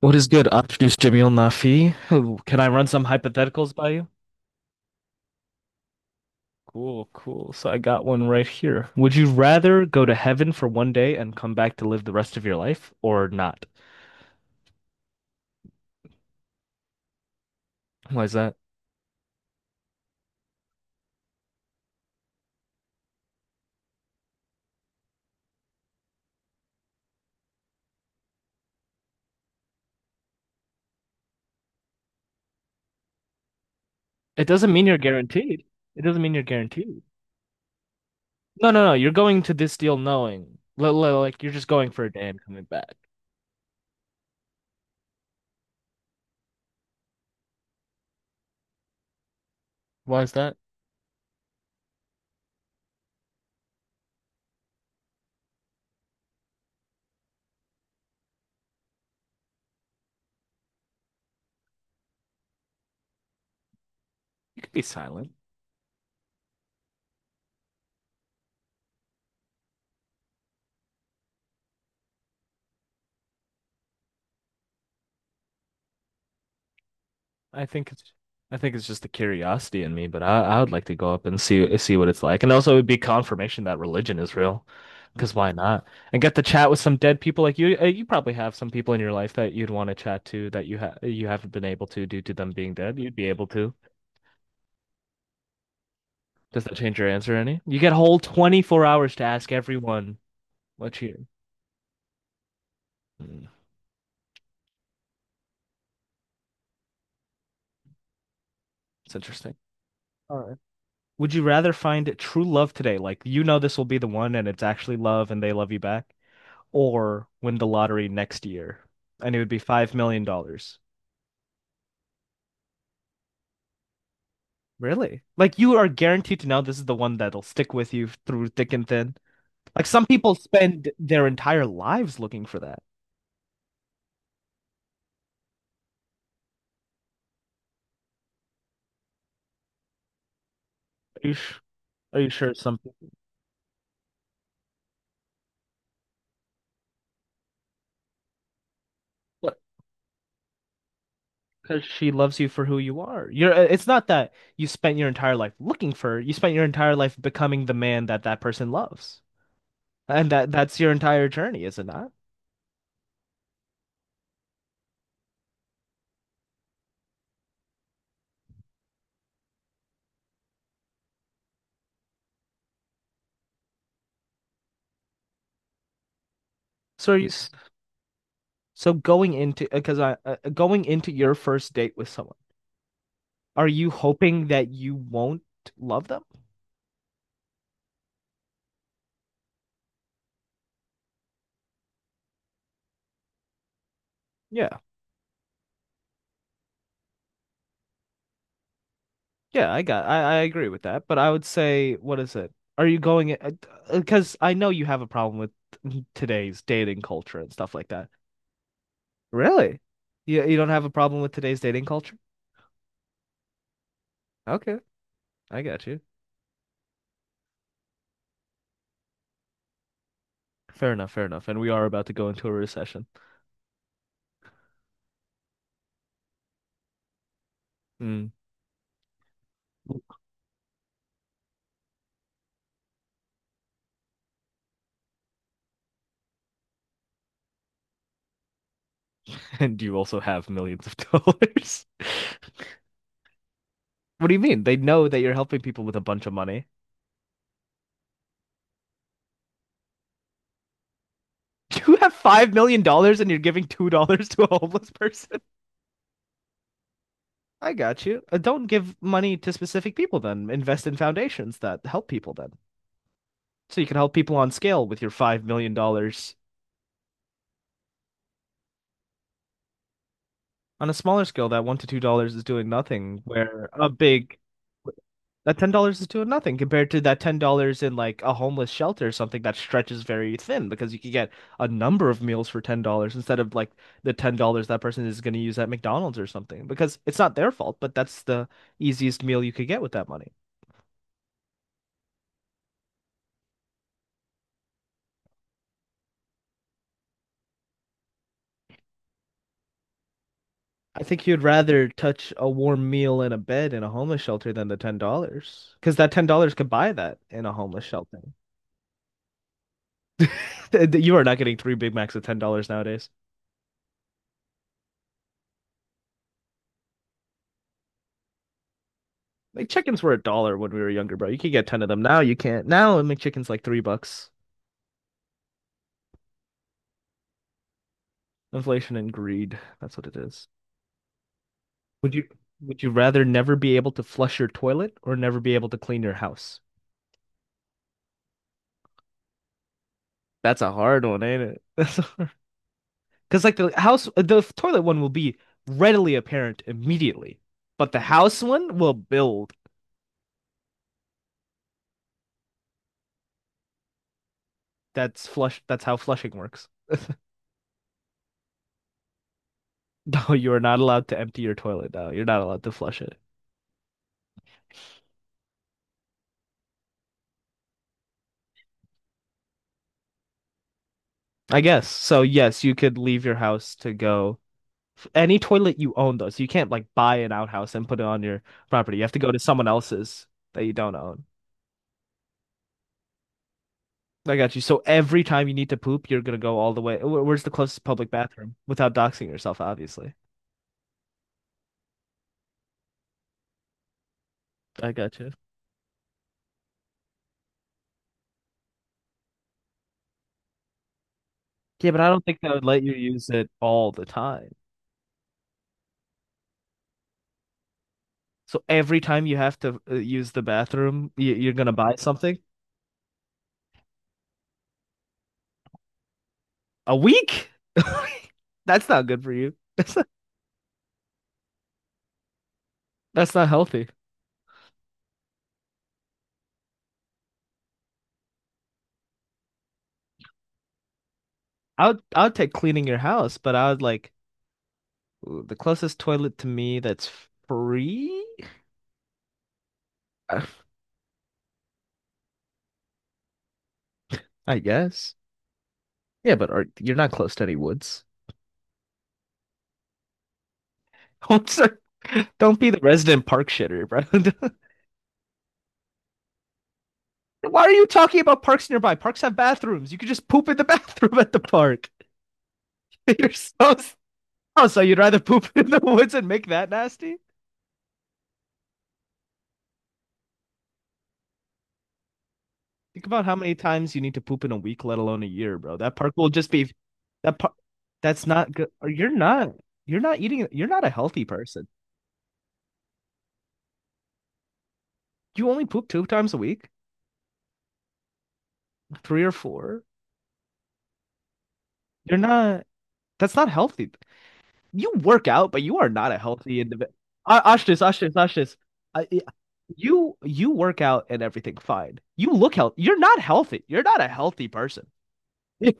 What is good? I'm just Jamil Nafi. Can I run some hypotheticals by you? Cool, cool. So I got one right here. Would you rather go to heaven for one day and come back to live the rest of your life or not? Why is that? It doesn't mean you're guaranteed. It doesn't mean you're guaranteed. No, no, no. You're going to this deal knowing. Like you're just going for a day and coming back. Why is that? You could be silent. I think it's I think it's just the curiosity in me, but I would like to go up and see what it's like. And also it would be confirmation that religion is real. Because why not? And get to chat with some dead people, like you probably have some people in your life that you'd want to chat to that you haven't been able to due to them being dead. You'd be able to. Does that change your answer any? You get whole 24 hours to ask everyone what you. Hmm, it's interesting. All right. Would you rather find true love today? Like, you know this will be the one and it's actually love and they love you back? Or win the lottery next year, and it would be $5 million dollars. Really? Like, you are guaranteed to know this is the one that'll stick with you through thick and thin. Like, some people spend their entire lives looking for that. Are you sh- are you sure some people? What? Because she loves you for who you are. You're. It's not that you spent your entire life looking for her. You spent your entire life becoming the man that that person loves, and that that's your entire journey, is it not? So are you. s- So going into, because I going into your first date with someone, are you hoping that you won't love them? Yeah. Yeah, I agree with that, but I would say, what is it? Are you going because I know you have a problem with today's dating culture and stuff like that. Really? You don't have a problem with today's dating culture? Okay, I got you. Fair enough, fair enough. And we are about to go into a recession. Mm. And you also have millions of dollars. What do you mean? They know that you're helping people with a bunch of money. You have $5 million and you're giving $2 to a homeless person. I got you. Don't give money to specific people then. Invest in foundations that help people then. So you can help people on scale with your $5 million. On a smaller scale, that $1 to $2 is doing nothing, where a big that $10 is doing nothing compared to that $10 in like a homeless shelter or something that stretches very thin, because you can get a number of meals for $10 instead of like the $10 that person is going to use at McDonald's or something, because it's not their fault, but that's the easiest meal you could get with that money. I think you'd rather touch a warm meal in a bed in a homeless shelter than the $10, because that $10 could buy that in a homeless shelter. You are not getting three Big Macs at $10 nowadays. Like, chickens were a dollar when we were younger, bro. You could get 10 of them. Now you can't. Now McChicken's like 3 bucks. Inflation and greed. That's what it is. Would you would you rather never be able to flush your toilet or never be able to clean your house? That's a hard one, ain't it? That's a Because, like the toilet one will be readily apparent immediately, but the house one will build. That's flush. That's how flushing works. No, you are not allowed to empty your toilet. No, you're not allowed to flush it. I guess. So, yes, you could leave your house to go any toilet you own though. So you can't, like, buy an outhouse and put it on your property. You have to go to someone else's that you don't own. I got you. So every time you need to poop, you're gonna go all the way. Where's the closest public bathroom without doxing yourself, obviously. I got you. Yeah, but I don't think they would let you use it all the time. So every time you have to use the bathroom, you're gonna buy something? A week? That's not good for you. That's not healthy. I would take cleaning your house, but I would like, ooh, the closest toilet to me that's free. Uh, I guess. Yeah, but you're not close to any woods. Don't s- don't be the resident park shitter, bro. Why are you talking about parks nearby? Parks have bathrooms. You could just poop in the bathroom at the park. You're so oh, so you'd rather poop in the woods and make that nasty? Think about how many times you need to poop in a week, let alone a year, bro. That park will just be That park. That's not good. Or you're not. You're not eating. You're not a healthy person. You only poop two times a week, three or four. You're not. That's not healthy. You work out, but you are not a healthy individual. Ashtis, Ashtis, Ashtis. I, I- you work out and everything fine. You look healthy. You're not healthy. You're not a healthy person. You're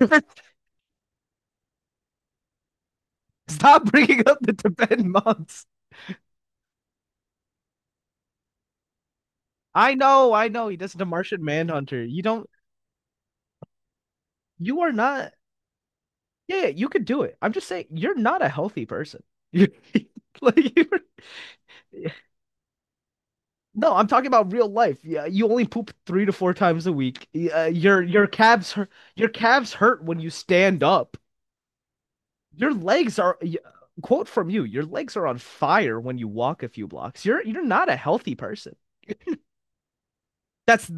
Stop bringing up the Tibetan monks. I know, I know. He does the Martian Manhunter. You don't. You are not. Yeah, yeah, you could do it. I'm just saying, you're not a healthy person. You like you. Are No, I'm talking about real life. Yeah, you only poop three to four times a week. Your calves hurt. Your calves hurt when you stand up. Your legs are. Quote from you: your legs are on fire when you walk a few blocks. You're not a healthy person. That's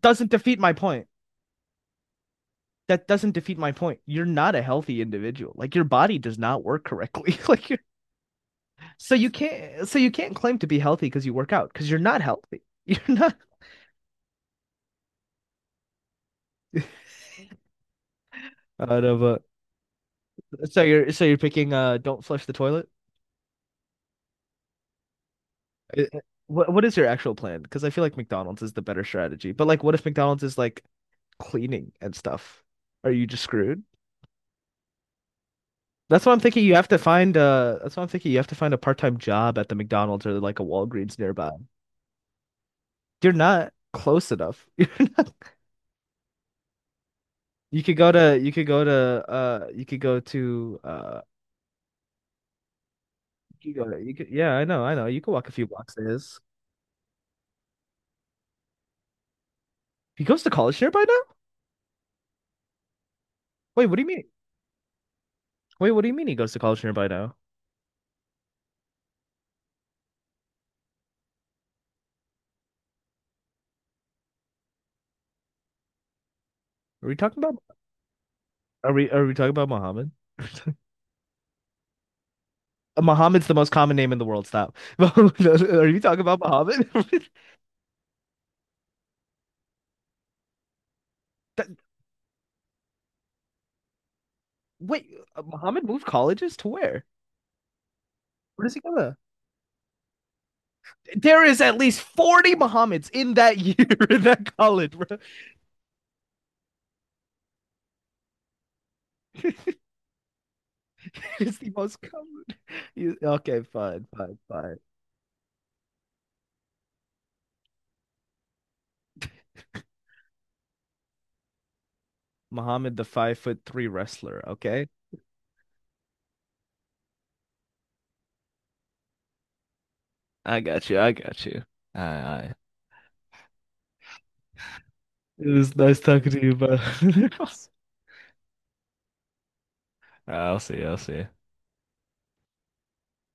doesn't defeat my point. That doesn't defeat my point. You're not a healthy individual. Like, your body does not work correctly. like you're, so you can't claim to be healthy because you work out, because you're not healthy. You're not. out of a so you're picking, don't flush the toilet. Uh, what is your actual plan? Because I feel like McDonald's is the better strategy. But, like, what if McDonald's is like cleaning and stuff? Are you just screwed? That's what I'm thinking. You have to find that's what I'm thinking. You have to find a part-time job at the McDonald's or like a Walgreens nearby. You're not close enough. You're not You could go to you could yeah, I know, I know. You could walk a few blocks to his. He goes to college nearby now? Wait, what do you mean? Wait, what do you mean he goes to college nearby now? Are we talking about are we talking about Muhammad? Muhammad's the most common name in the world. Stop. Are you talking about Muhammad? That- Wait, Muhammad moved colleges to where? Where does he go to? There is at least 40 Muhammads in that year in that college, bro. It's the most common. Okay, fine, fine, fine. Muhammad the 5'3" wrestler, okay? I got you. I got you. All right, all right. It was nice talking to you, bro. All right. I'll see you. I'll see you.